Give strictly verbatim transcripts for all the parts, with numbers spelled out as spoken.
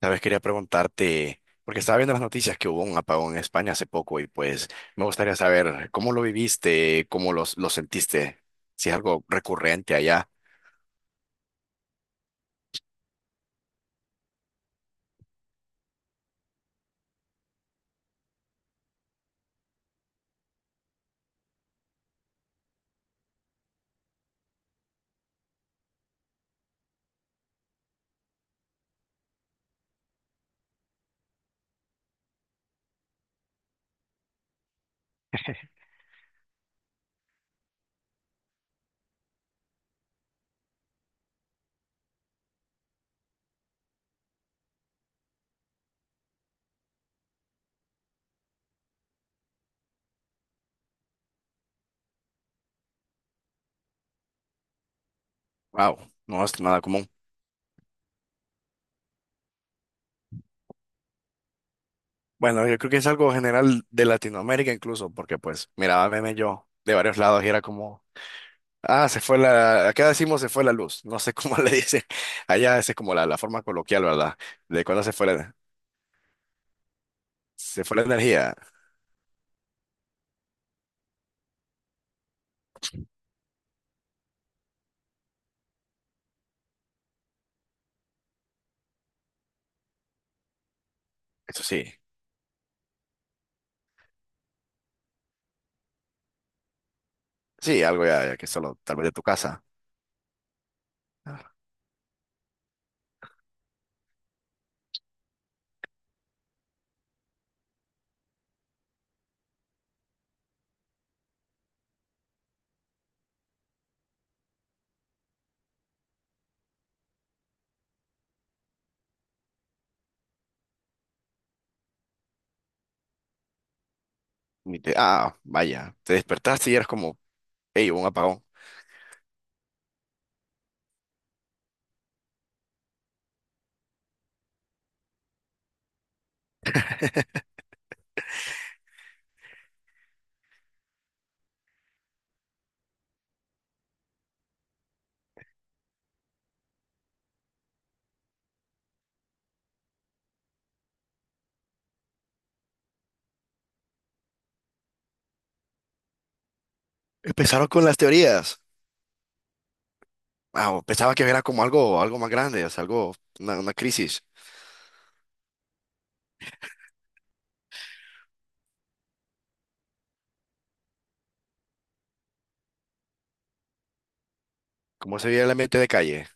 Sabes, quería preguntarte, porque estaba viendo las noticias que hubo un apagón en España hace poco y pues me gustaría saber cómo lo viviste, cómo los- lo sentiste, si es algo recurrente allá. Wow, no es nada común. Bueno, yo creo que es algo general de Latinoamérica incluso, porque pues miraba memes yo de varios lados y era como... Ah, se fue la, acá decimos se fue la luz, no sé cómo le dicen, allá esa es como la, la forma coloquial, ¿verdad? De cuando se fue la, Se fue la energía, eso sí. Sí, algo ya, ya que solo tal vez de tu casa. Ah, ni te- ah, vaya, te despertaste y eras como, hey, hubo un apagón. Empezaron con las teorías. Ah, o pensaba que era como algo, algo más grande, o sea, algo, una, una crisis. ¿Cómo se veía el ambiente de calle?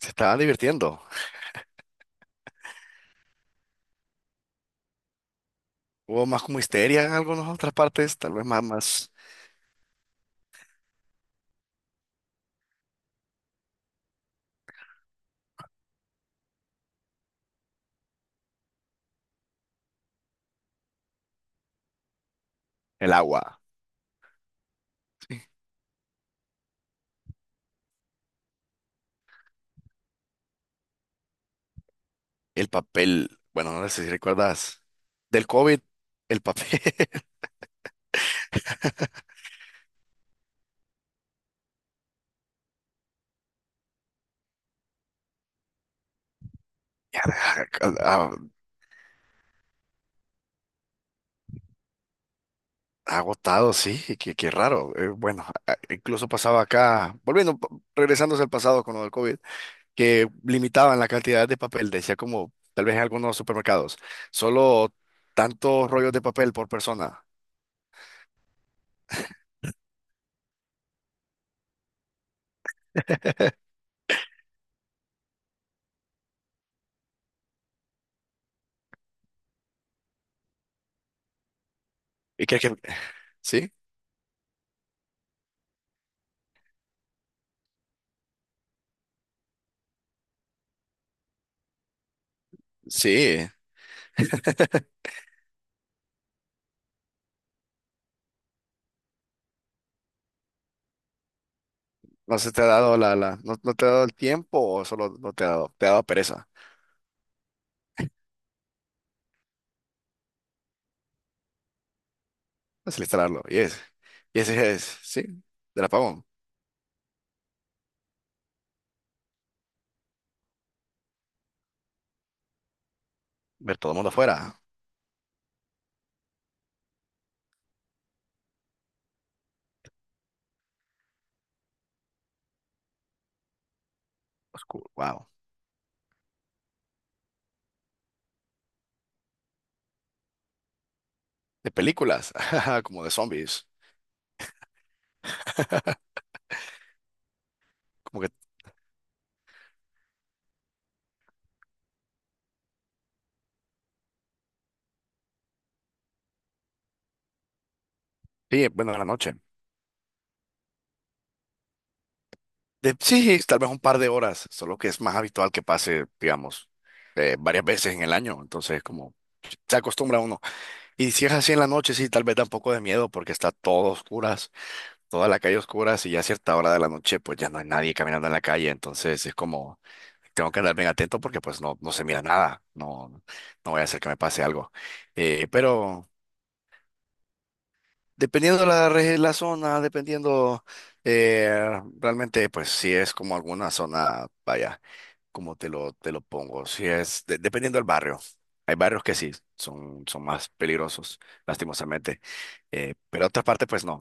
Se estaban divirtiendo. Hubo más como histeria en algunas otras partes, tal vez más, más... El agua. El papel, bueno, no sé si recuerdas, del COVID, el papel. Ya, a- a- agotado, sí. Qué, qué raro. Eh, bueno, a- incluso pasaba acá, volviendo, p- regresándose al pasado con lo del COVID, que limitaban la cantidad de papel, decía como tal vez en algunos supermercados, solo tantos rollos de papel por persona. ¿Y crees que sí? Sí, no se te ha dado la, la, no, no te ha dado el tiempo o solo no te ha dado, te ha dado pereza. Desinstalarlo. Y es. Y ese es, sí, del apagón. Ver todo el mundo afuera. Oscuro. Wow. De películas, como de zombies. Como que, sí, bueno, en la noche. De, sí, tal vez un par de horas, solo que es más habitual que pase, digamos, eh, varias veces en el año. Entonces, como se acostumbra uno. Y si es así en la noche, sí, tal vez da un poco de miedo porque está todo oscuro, toda la calle oscura, si ya a cierta hora de la noche, pues ya no hay nadie caminando en la calle, entonces es como, tengo que andar bien atento porque pues no, no se mira nada, no, no voy a hacer que me pase algo. Eh, pero dependiendo la, re- la zona, dependiendo, eh, realmente pues si es como alguna zona, vaya, como te lo, te lo pongo, si es, de- dependiendo del barrio. Hay barrios que sí, son, son más peligrosos, lastimosamente. Eh, pero otras partes, pues no.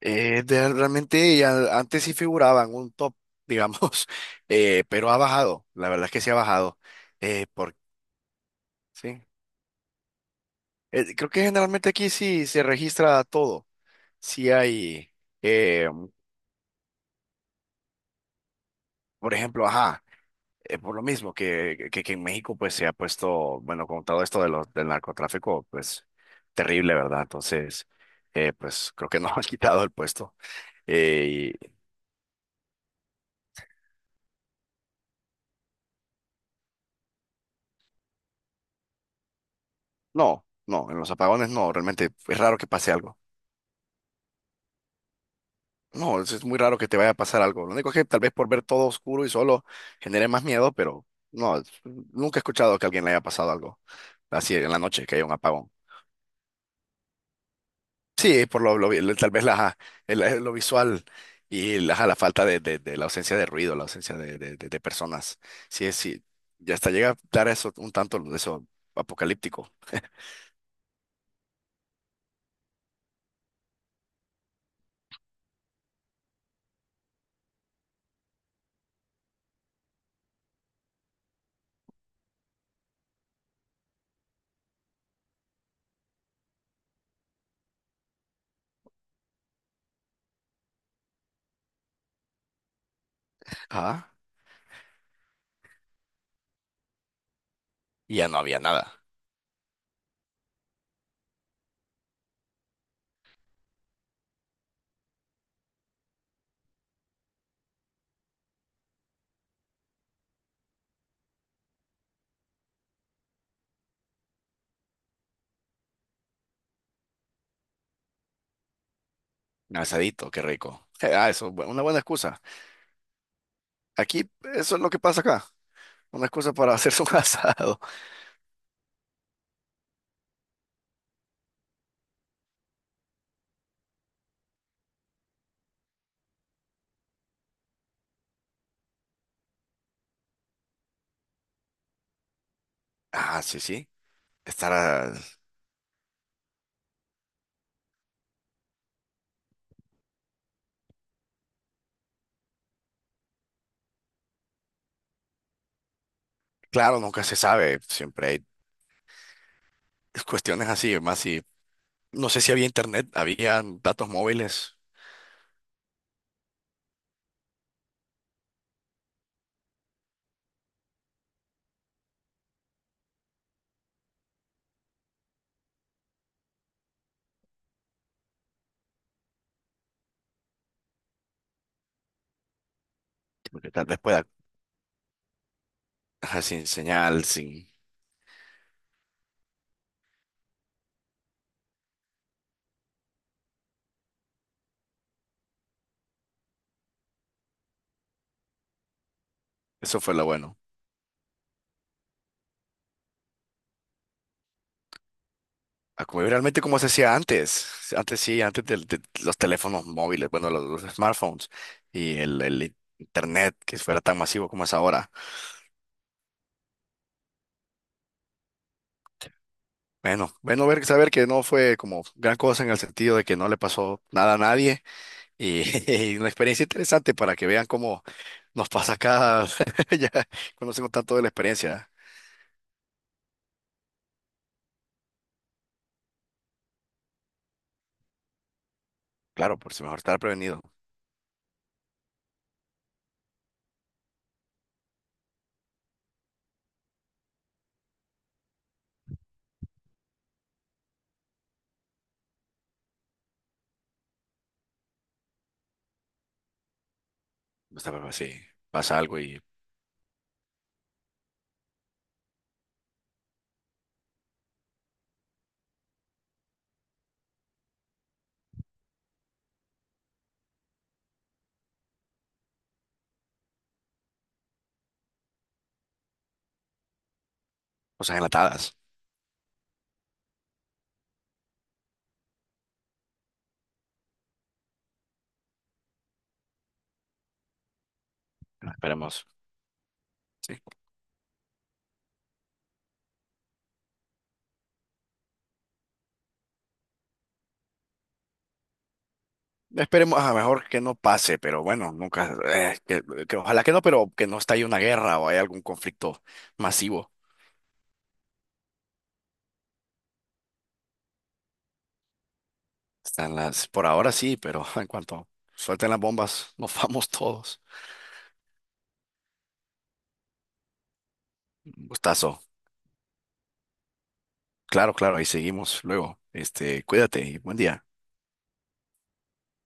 Eh, de- realmente ya antes sí figuraba en un top, digamos, eh, pero ha bajado, la verdad es que sí ha bajado. Eh, por, sí. Eh, creo que generalmente aquí sí se registra todo. Sí hay, eh, por ejemplo, ajá, eh, por lo mismo que, que, que en México pues se ha puesto, bueno, con todo esto de los, del narcotráfico, pues terrible, ¿verdad? Entonces, eh, pues creo que nos han quitado el puesto. Eh, y- no, no, en los apagones no, realmente es raro que pase algo. No, es es muy raro que te vaya a pasar algo. Lo único es que tal vez por ver todo oscuro y solo genere más miedo, pero no, es- nunca he escuchado que a alguien le haya pasado algo así en la noche, que haya un apagón. Sí, por lo, lo vi- lo- tal vez la, el- el- lo visual y la, la falta de, de- de la ausencia de ruido, la ausencia de, de- de- de personas. Sí, sí, ya hasta llega a dar eso un tanto de eso apocalíptico. Ah, y ya no había nada. Un asadito, qué rico. Eh, ah, eso, bu- una buena excusa. Aquí, eso es lo que pasa acá. Una excusa para hacerse un asado. Ah, sí, sí. Estará. Claro, nunca se sabe. Siempre hay cuestiones así. Más si. No sé si había internet, había datos móviles. Porque tal vez pueda. Ajá, sin señal, sin. Eso fue lo bueno. A como... realmente como se hacía antes. Antes sí, antes de, de los teléfonos móviles, bueno, los, los smartphones y el, el internet que fuera tan masivo como es ahora. Bueno, bueno ver, saber que no fue como gran cosa en el sentido de que no le pasó nada a nadie. Y una experiencia interesante para que vean cómo nos pasa acá. Ya conocemos tanto de la experiencia. Claro, por si mejor estar prevenido. Está... si pasa algo y cosas enlatadas. Esperemos. Esperemos, a mejor que no pase, pero bueno, nunca, eh, que, que ojalá que no, pero que no estalle una guerra o haya algún conflicto masivo. Están las, por ahora sí, pero en cuanto suelten las bombas, nos vamos todos. Gustazo. Claro, claro, ahí seguimos luego. Este, cuídate y buen día.